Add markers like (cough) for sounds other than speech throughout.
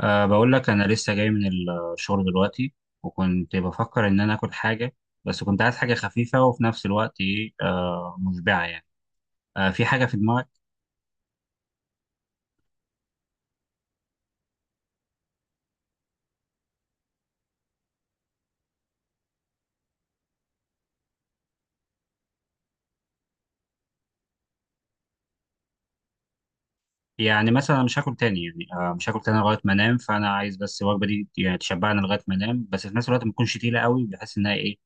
بقول لك أنا لسه جاي من الشغل دلوقتي، وكنت بفكر إن أنا آكل حاجة، بس كنت عايز حاجة خفيفة وفي نفس الوقت إيه مشبعة يعني. في حاجة في دماغك؟ يعني مثلا أنا مش هاكل تاني، يعني أه مش هاكل تاني لغاية ما أنام، فأنا عايز بس الوجبة دي يعني تشبعني لغاية ما أنام، بس في نفس الوقت ما تكونش تقيلة قوي بحيث إنها إيه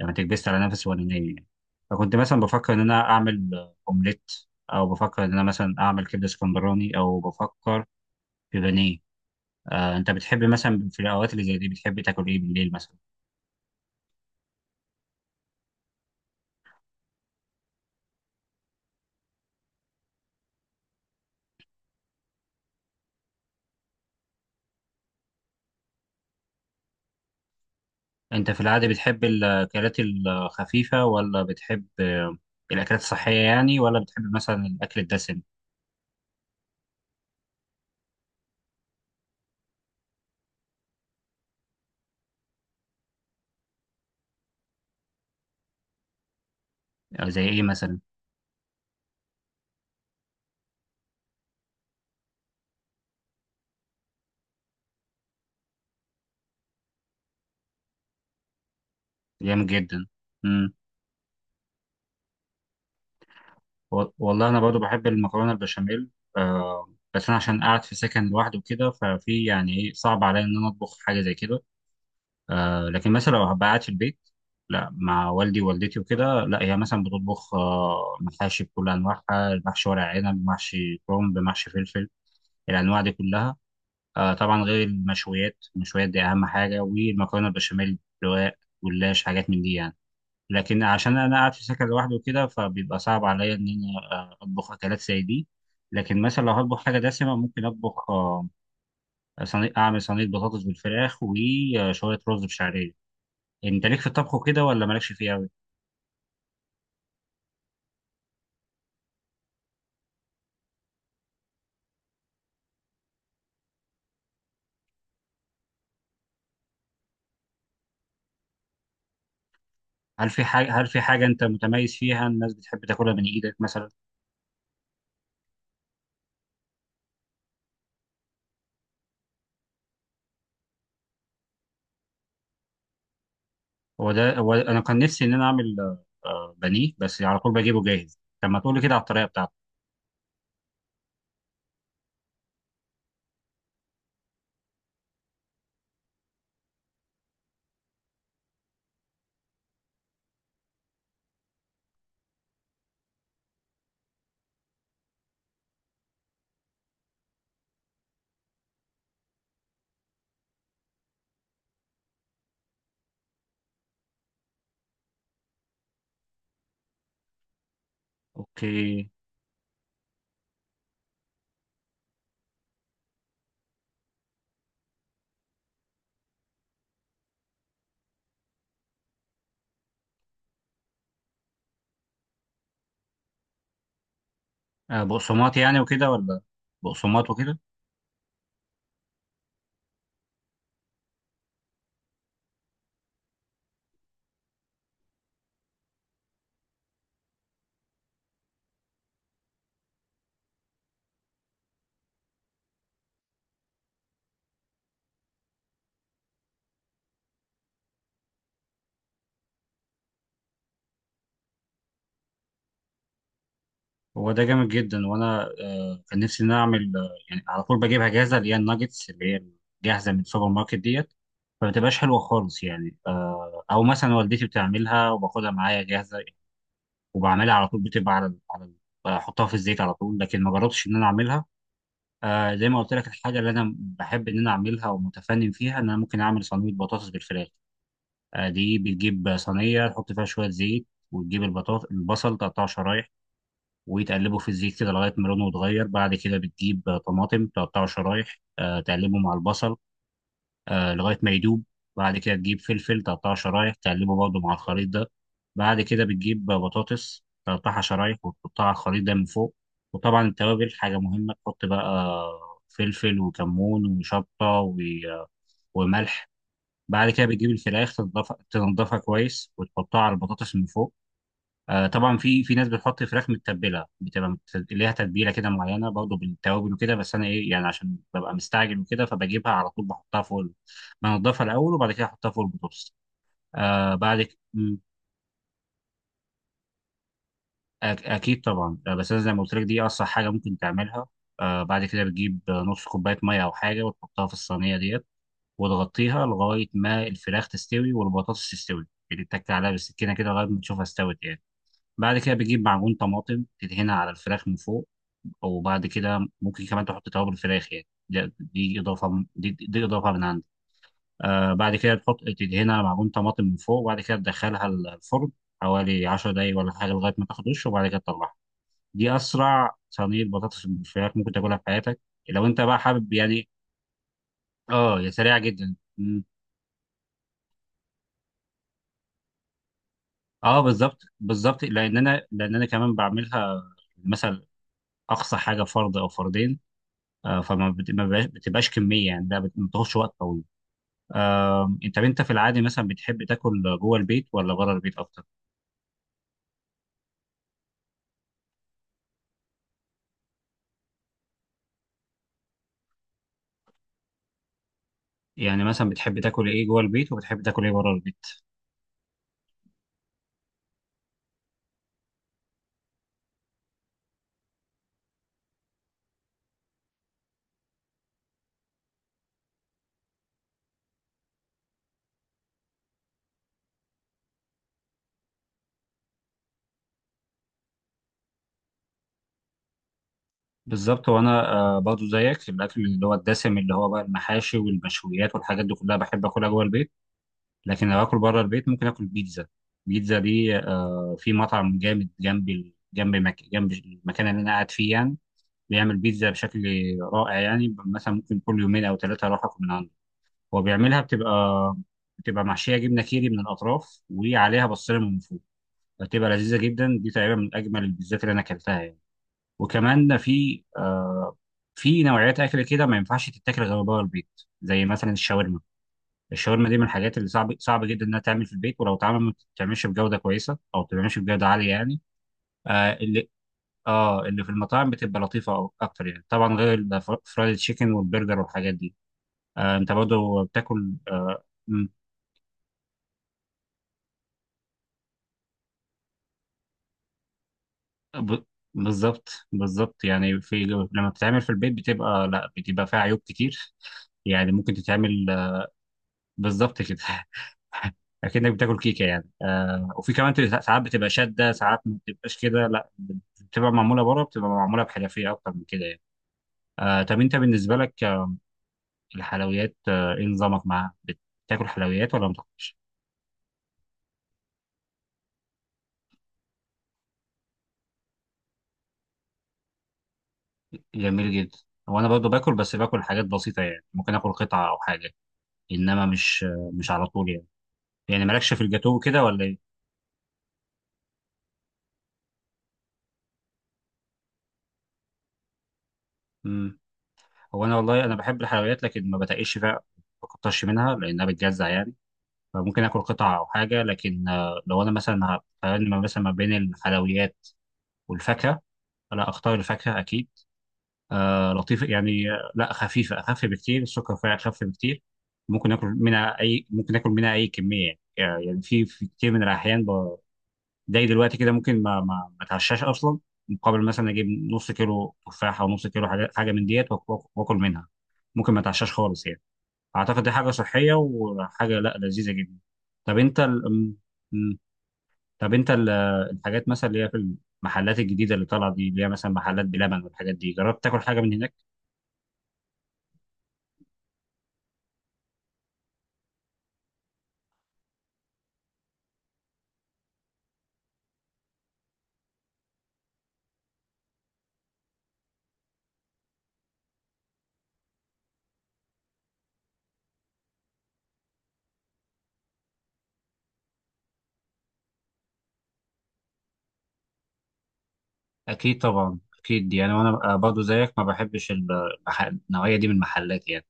لما تكبست على نفسي وأنا نايم يعني. فكنت مثلا بفكر إن أنا أعمل أومليت، أو بفكر إن أنا مثلا أعمل كبدة اسكندراني، أو بفكر في بانيه. انت بتحب مثلا في الاوقات اللي زي دي بتحب تاكل ايه بالليل مثلا؟ انت في العاده بتحب الاكلات الخفيفه، ولا بتحب الاكلات الصحيه يعني، ولا بتحب مثلا الاكل الدسم؟ زي ايه مثلا؟ جامد جدا. امم. والله انا برضو بحب المكرونه البشاميل. بس انا عشان قاعد في سكن لوحدي وكده ففي يعني ايه صعب عليا ان انا اطبخ حاجه زي كده. لكن مثلا لو هبقى قاعد في البيت، لا، مع والدي ووالدتي وكده، لا هي مثلا بتطبخ محاشي بكل انواعها، محشي ورق عنب، محشي كرنب، محشي فلفل، الانواع دي كلها. طبعا غير المشويات، المشويات دي اهم حاجه، والمكرونه البشاميل، رقاق، جلاش، حاجات من دي يعني. لكن عشان انا قاعد في سكن لوحدي وكده فبيبقى صعب عليا ان انا اطبخ اكلات زي دي. لكن مثلا لو هطبخ حاجه دسمه ممكن اطبخ صينيه، اعمل صينيه بطاطس بالفراخ وشويه رز بشعريه. يعني انت ليك في الطبخ وكده، ولا مالكش فيه قوي؟ هل في حاجه انت متميز فيها الناس بتحب تاكلها من ايدك مثلا؟ هو ده. هو انا كان نفسي ان انا اعمل بانيه، بس على طول بجيبه جاهز، طب ما تقول لي كده على الطريقه بتاعته. اوكي. بقسماط يعني وكده ولا؟ بقسماط وكده. هو ده جامد جدا، وانا كان نفسي ان انا اعمل يعني على طول بجيبها جاهزه، اللي هي الناجتس، اللي هي جاهزه من السوبر ماركت ديت، فما بتبقاش حلوه خالص يعني. او مثلا والدتي بتعملها وباخدها معايا جاهزه، وبعملها على طول، بتبقى على بحطها في الزيت على طول، لكن ما جربتش ان انا اعملها. زي ما قلت لك، الحاجه اللي انا بحب ان انا اعملها ومتفنن فيها ان انا ممكن اعمل صينيه بطاطس بالفراخ. دي بتجيب صينيه، تحط فيها شويه زيت، وتجيب البطاطس، البصل تقطعه شرايح وتقلبه في الزيت كده لغايه ما لونه يتغير. بعد كده بتجيب طماطم، تقطعه شرايح، تقلبه مع البصل لغايه ما يدوب. بعد كده تجيب فلفل، تقطعه شرايح، تقلبه برضه مع الخليط ده. بعد كده بتجيب بطاطس تقطعها شرايح وتحطها على الخليط ده من فوق. وطبعا التوابل حاجه مهمه، تحط بقى فلفل وكمون وشطه و- وملح. بعد كده بتجيب الفراخ تنضفها كويس وتحطها على البطاطس من فوق. طبعا في ناس بتحط فراخ متبله، بتبقى ليها تتبيله كده معينه برضه بالتوابل وكده، بس انا ايه يعني عشان ببقى مستعجل وكده فبجيبها على طول بحطها فوق بنضفها الاول وبعد كده احطها فوق البطاطس. آه بعد ك- م، أك- اكيد طبعا. بس انا زي ما قلت لك دي اصح حاجه ممكن تعملها. بعد كده بتجيب نص كوبايه ميه او حاجه وتحطها في الصينيه ديت، وتغطيها لغايه ما الفراخ تستوي والبطاطس تستوي، يعني تتك عليها بالسكينه كده لغايه ما تشوفها استوت يعني. بعد كده بتجيب معجون طماطم تدهنها على الفراخ من فوق. وبعد كده ممكن كمان تحط توابل الفراخ، يعني دي اضافه دي اضافه من عندي. بعد كده تحط تدهنها معجون طماطم من فوق، وبعد كده تدخلها الفرن حوالي 10 دقايق ولا حاجه لغايه ما تاخد وش، وبعد كده تطلعها. دي اسرع صينيه بطاطس بالفراخ ممكن تاكلها في حياتك لو انت بقى حابب يعني. اه، هي سريعه جدا. مم. اه، بالظبط بالظبط، لان انا، كمان بعملها مثلا. اقصى حاجه فرد او فردين. آه، فما بت- ما بقاش- بتبقاش كميه يعني، ما بتاخدش وقت طويل. انت في العادي مثلا بتحب تاكل جوه البيت ولا بره البيت اكتر؟ يعني مثلا بتحب تاكل ايه جوه البيت، وبتحب تاكل ايه بره البيت؟ بالظبط. وانا برضو زيك، الاكل اللي هو الدسم، اللي هو بقى المحاشي والمشويات والحاجات دي كلها بحب اكلها جوه البيت. لكن لو اكل بره البيت ممكن اكل بيتزا. بيتزا دي في مطعم جامد جنب جنب جنب المكان اللي انا قاعد فيه يعني، بيعمل بيتزا بشكل رائع. يعني مثلا ممكن كل يومين او ثلاثه اروح اكل من عنده. هو بيعملها، بتبقى محشيه جبنه كيري من الاطراف وعليها بصله من فوق، بتبقى لذيذه جدا، دي تقريبا من اجمل البيتزات اللي انا اكلتها يعني. وكمان في نوعيات اكل كده ما ينفعش تتاكل غير بره البيت، زي مثلا الشاورما. الشاورما دي من الحاجات اللي صعب صعب جدا انها تعمل في البيت، ولو اتعمل ما بتتعملش بجوده كويسه، او ما بتتعملش بجوده عاليه يعني. آه اللي اه، اللي في المطاعم بتبقى لطيفه اكتر يعني، طبعا غير الفرايد تشيكن والبرجر والحاجات دي. انت برضه بتاكل ب- بالظبط بالظبط يعني. في، لما بتتعمل في البيت بتبقى، لا، بتبقى فيها عيوب كتير يعني، ممكن تتعمل بالظبط كده. (laughs) اكنك بتاكل كيكه يعني. وفي كمان ساعات بتبقى شاده، ساعات ما بتبقاش كده، لا، بتبقى معموله بره، بتبقى معموله بحرفيه اكتر من كده يعني. طب انت بالنسبه لك الحلويات ايه نظامك معاها؟ بتاكل حلويات ولا ما بتاكلش؟ جميل جدا. وانا برضو باكل، بس باكل حاجات بسيطه يعني، ممكن اكل قطعه او حاجه، انما مش على طول يعني. يعني مالكش في الجاتوه كده ولا ايه؟ امم هو انا، والله انا بحب الحلويات لكن ما بتقيش فيها، ما بكترش منها لانها بتجزع يعني. فممكن اكل قطعه او حاجه، لكن لو انا مثلا هقارن مثلا ما بين الحلويات والفاكهه، لا، اختار الفاكهه اكيد. لطيفه يعني. لا، خفيفه، اخف بكتير، السكر فيها اخف بكتير، ممكن اكل منها اي كميه يعني في كتير من الاحيان، زي دلوقتي كده ممكن ما اتعشاش اصلا مقابل مثلا اجيب نص كيلو تفاحه او نص كيلو حاجه، حاجه من ديت واكل منها، ممكن ما اتعشاش خالص يعني. اعتقد دي حاجه صحيه وحاجه، لا، لذيذه جدا. طب انت ال... أم- أم. طب انت ال... الحاجات مثلا اللي هي في المحلات الجديده اللي طالعه دي، اللي هي مثلا محلات بلبن والحاجات دي، جربت تاكل حاجه من هناك؟ اكيد طبعا، اكيد يعني، وانا برضو زيك ما بحبش النوعيه دي من المحلات يعني.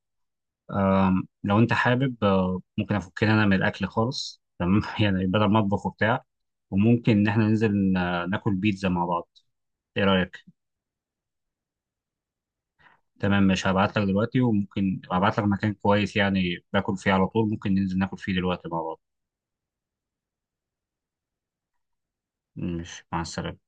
لو انت حابب ممكن افكنا انا من الاكل خالص، تمام. (laughs) يعني بدل ما اطبخ وبتاع، وممكن ان احنا ننزل ناكل بيتزا مع بعض، ايه رايك؟ تمام، مش هبعت لك دلوقتي، وممكن ابعت لك مكان كويس يعني باكل فيه على طول، ممكن ننزل ناكل فيه دلوقتي مع بعض. مش مع السلامه.